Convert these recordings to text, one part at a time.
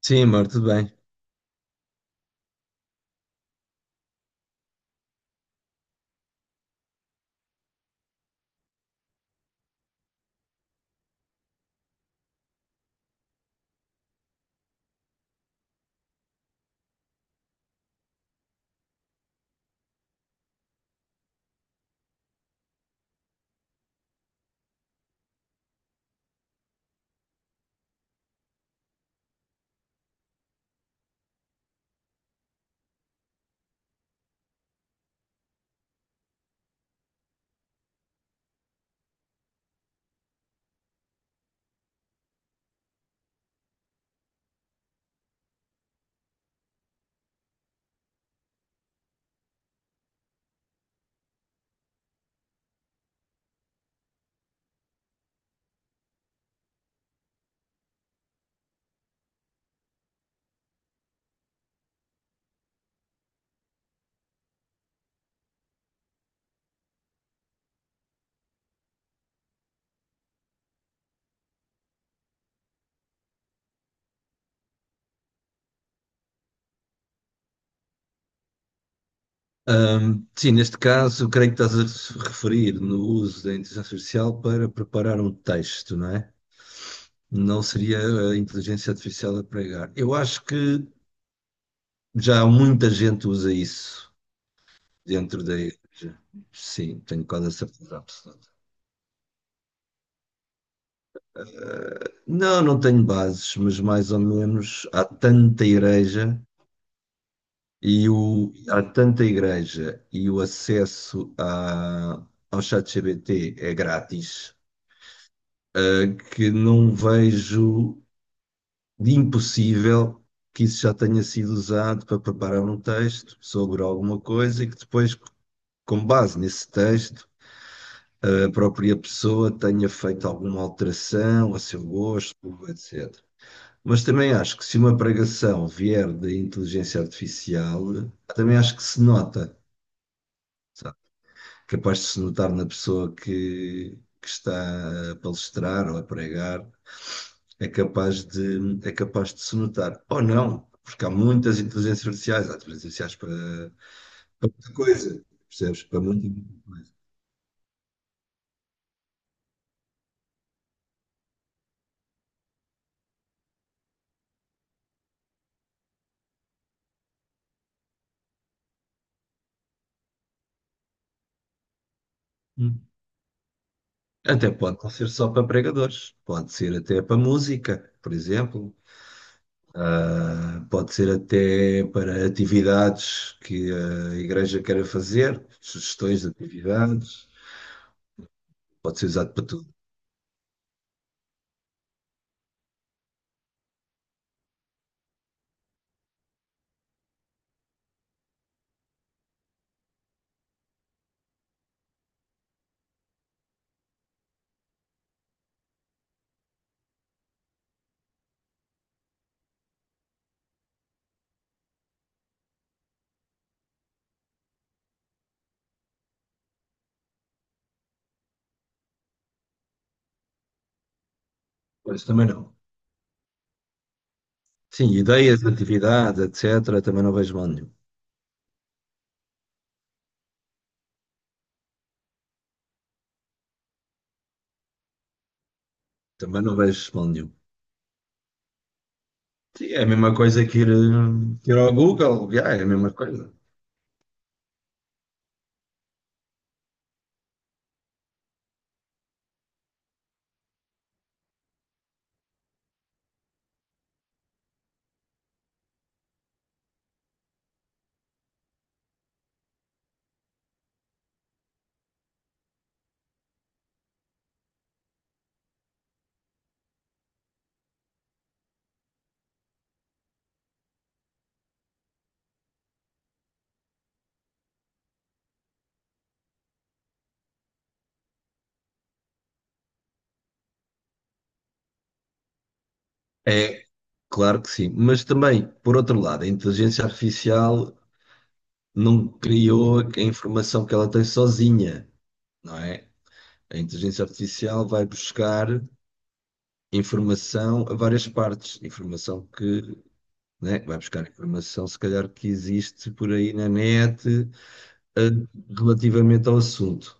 Sim, amor, tudo bem. Sim, neste caso, creio que estás a se referir no uso da inteligência artificial para preparar um texto, não é? Não seria a inteligência artificial a pregar. Eu acho que já muita gente usa isso dentro da igreja. Sim, tenho quase a certeza absoluta. Não, não tenho bases, mas mais ou menos há tanta igreja há tanta igreja e o acesso a, ao chat GPT é grátis, que não vejo de impossível que isso já tenha sido usado para preparar um texto sobre alguma coisa e que depois, com base nesse texto, a própria pessoa tenha feito alguma alteração a seu gosto, etc. Mas também acho que se uma pregação vier da inteligência artificial, também acho que se nota, sabe? Capaz de se notar na pessoa que está a palestrar ou a pregar, é capaz de se notar. Ou não, porque há muitas inteligências artificiais, há inteligências artificiais para, para muita coisa, percebes? Para muita, muita coisa. Hum. Até pode não ser só para pregadores, pode ser até para música, por exemplo. Ah, pode ser até para atividades que a igreja queira fazer, sugestões de atividades, pode ser usado para tudo. Por isso também não. Sim, ideias de atividades, etc., também não vejo mal nenhum. Também não vejo mal nenhum. Sim, é a mesma coisa que ir, que ir ao Google, já, é a mesma coisa. É, claro que sim. Mas também, por outro lado, a inteligência artificial não criou a informação que ela tem sozinha, não é? A inteligência artificial vai buscar informação a várias partes. Informação que, né, vai buscar informação, se calhar, que existe por aí na net, eh, relativamente ao assunto.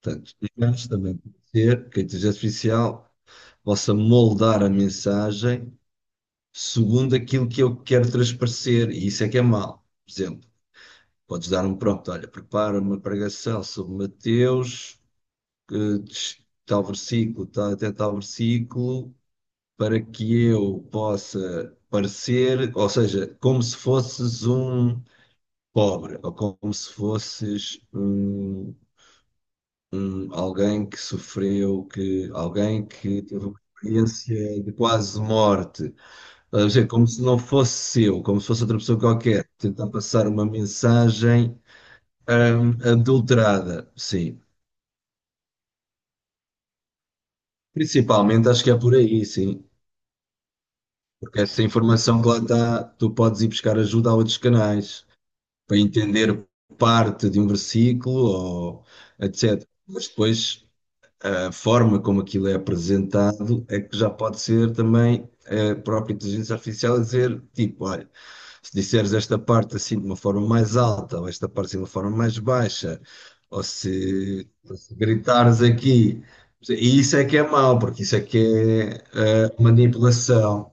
Portanto, mas também pode ser que a inteligência artificial possa moldar a mensagem segundo aquilo que eu quero transparecer, e isso é que é mal. Por exemplo, podes dar um prompt, olha, prepara uma pregação sobre Mateus, que tal versículo, tal, até tal versículo, para que eu possa parecer, ou seja, como se fosses um pobre, ou como se fosses um, alguém que sofreu, que, alguém que teve uma experiência de quase morte. Estás a dizer, como se não fosse eu, como se fosse outra pessoa qualquer, tentar passar uma mensagem adulterada, sim. Principalmente acho que é por aí, sim. Porque essa informação que lá está, tu podes ir buscar ajuda a outros canais para entender parte de um versículo ou etc. Mas depois, a forma como aquilo é apresentado é que já pode ser também a própria inteligência artificial a dizer, tipo, olha, se disseres esta parte assim de uma forma mais alta, ou esta parte assim de uma forma mais baixa, ou se gritares aqui, e isso é que é mau, porque isso é que é manipulação.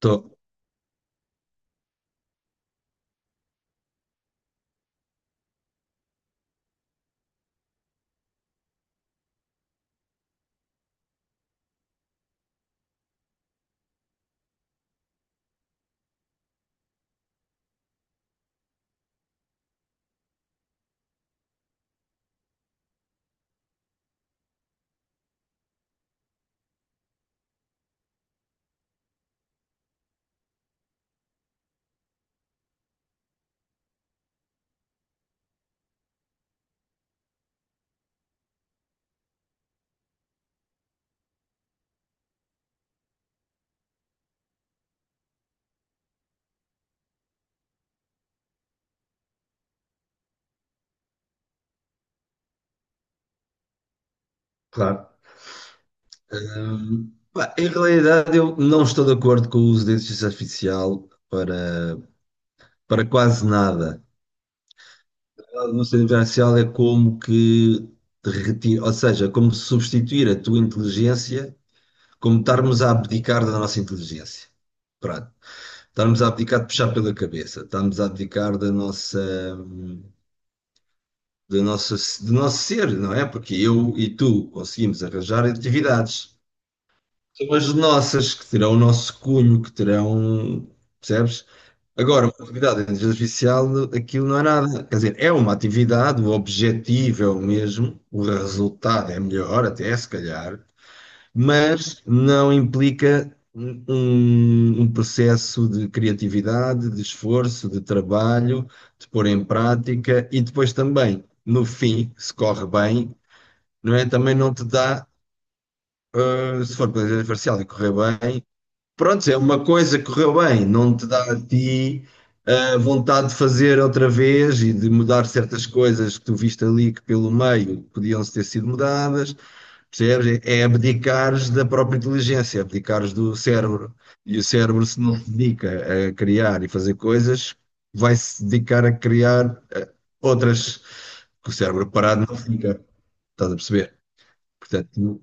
Tô, claro. Pá, em realidade, eu não estou de acordo com o uso da inteligência artificial para, para quase nada. A mudança vivencial é como que te retira, ou seja, como substituir a tua inteligência, como estarmos a abdicar da nossa inteligência. Pronto. Estarmos a abdicar de puxar pela cabeça, estarmos a abdicar da nossa, do nosso ser, não é? Porque eu e tu conseguimos arranjar atividades. São as nossas que terão o nosso cunho, que terão, percebes? Agora, uma atividade extrajudicial, aquilo não é nada. Quer dizer, é uma atividade, o objetivo é o mesmo, o resultado é melhor, até se calhar, mas não implica um, um processo de criatividade, de esforço, de trabalho, de pôr em prática e depois também, no fim, se corre bem, não é? Também não te dá, se for para fazer parcial e correr bem. Pronto, é uma coisa que correu bem, não te dá a ti a vontade de fazer outra vez e de mudar certas coisas que tu viste ali que pelo meio podiam ter sido mudadas, percebes? É abdicares da própria inteligência, é abdicares do cérebro. E o cérebro, se não se dedica a criar e fazer coisas, vai-se dedicar a criar outras, que o cérebro parado não fica, estás a perceber? Portanto,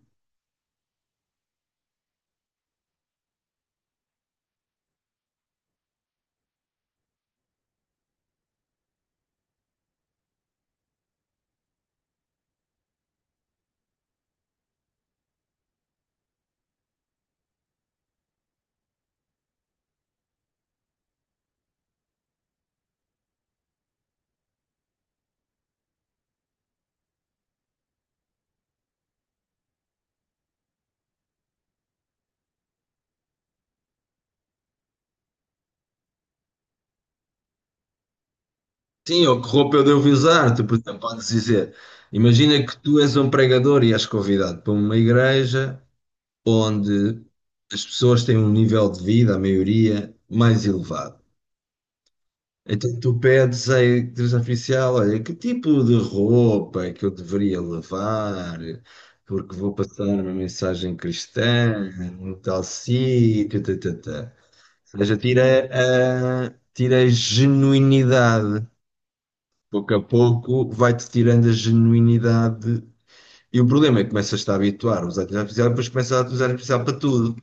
sim, ou que roupa eu devo usar? Tu, por exemplo, podes dizer: imagina que tu és um pregador e és convidado para uma igreja onde as pessoas têm um nível de vida, a maioria, mais elevado. Então tu pedes à igreja oficial: olha, que tipo de roupa é que eu deveria levar? Porque vou passar uma mensagem cristã num tal sítio. Tã, tã, tã." Ou seja, tira a, tira a genuinidade. Pouco a pouco vai-te tirando a genuinidade. E o problema é que começas-te a habituar a usar a inteligência artificial e depois começas a usar a artificial para tudo.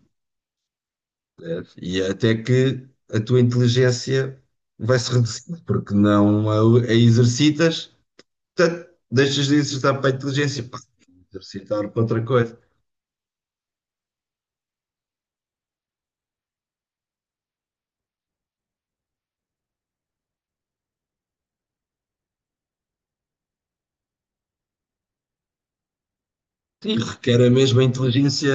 E até que a tua inteligência vai se reduzindo, porque não a, a exercitas, portanto, deixas de exercitar para a inteligência, pá, exercitar para outra coisa. E requer a mesma inteligência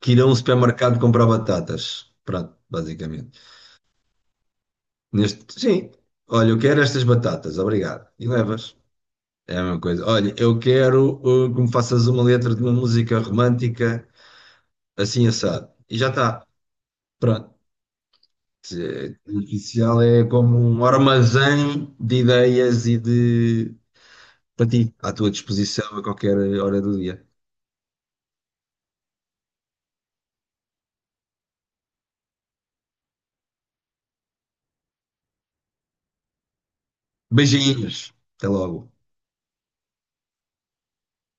que ir a um supermercado comprar batatas. Pronto, basicamente. Neste, sim, olha, eu quero estas batatas, obrigado. E levas. É a mesma coisa. Olha, eu quero que me faças uma letra de uma música romântica assim assado. E já está. Pronto. O oficial é como um armazém de ideias e de para ti, à tua disposição a qualquer hora do dia. Beijinhos. Até logo.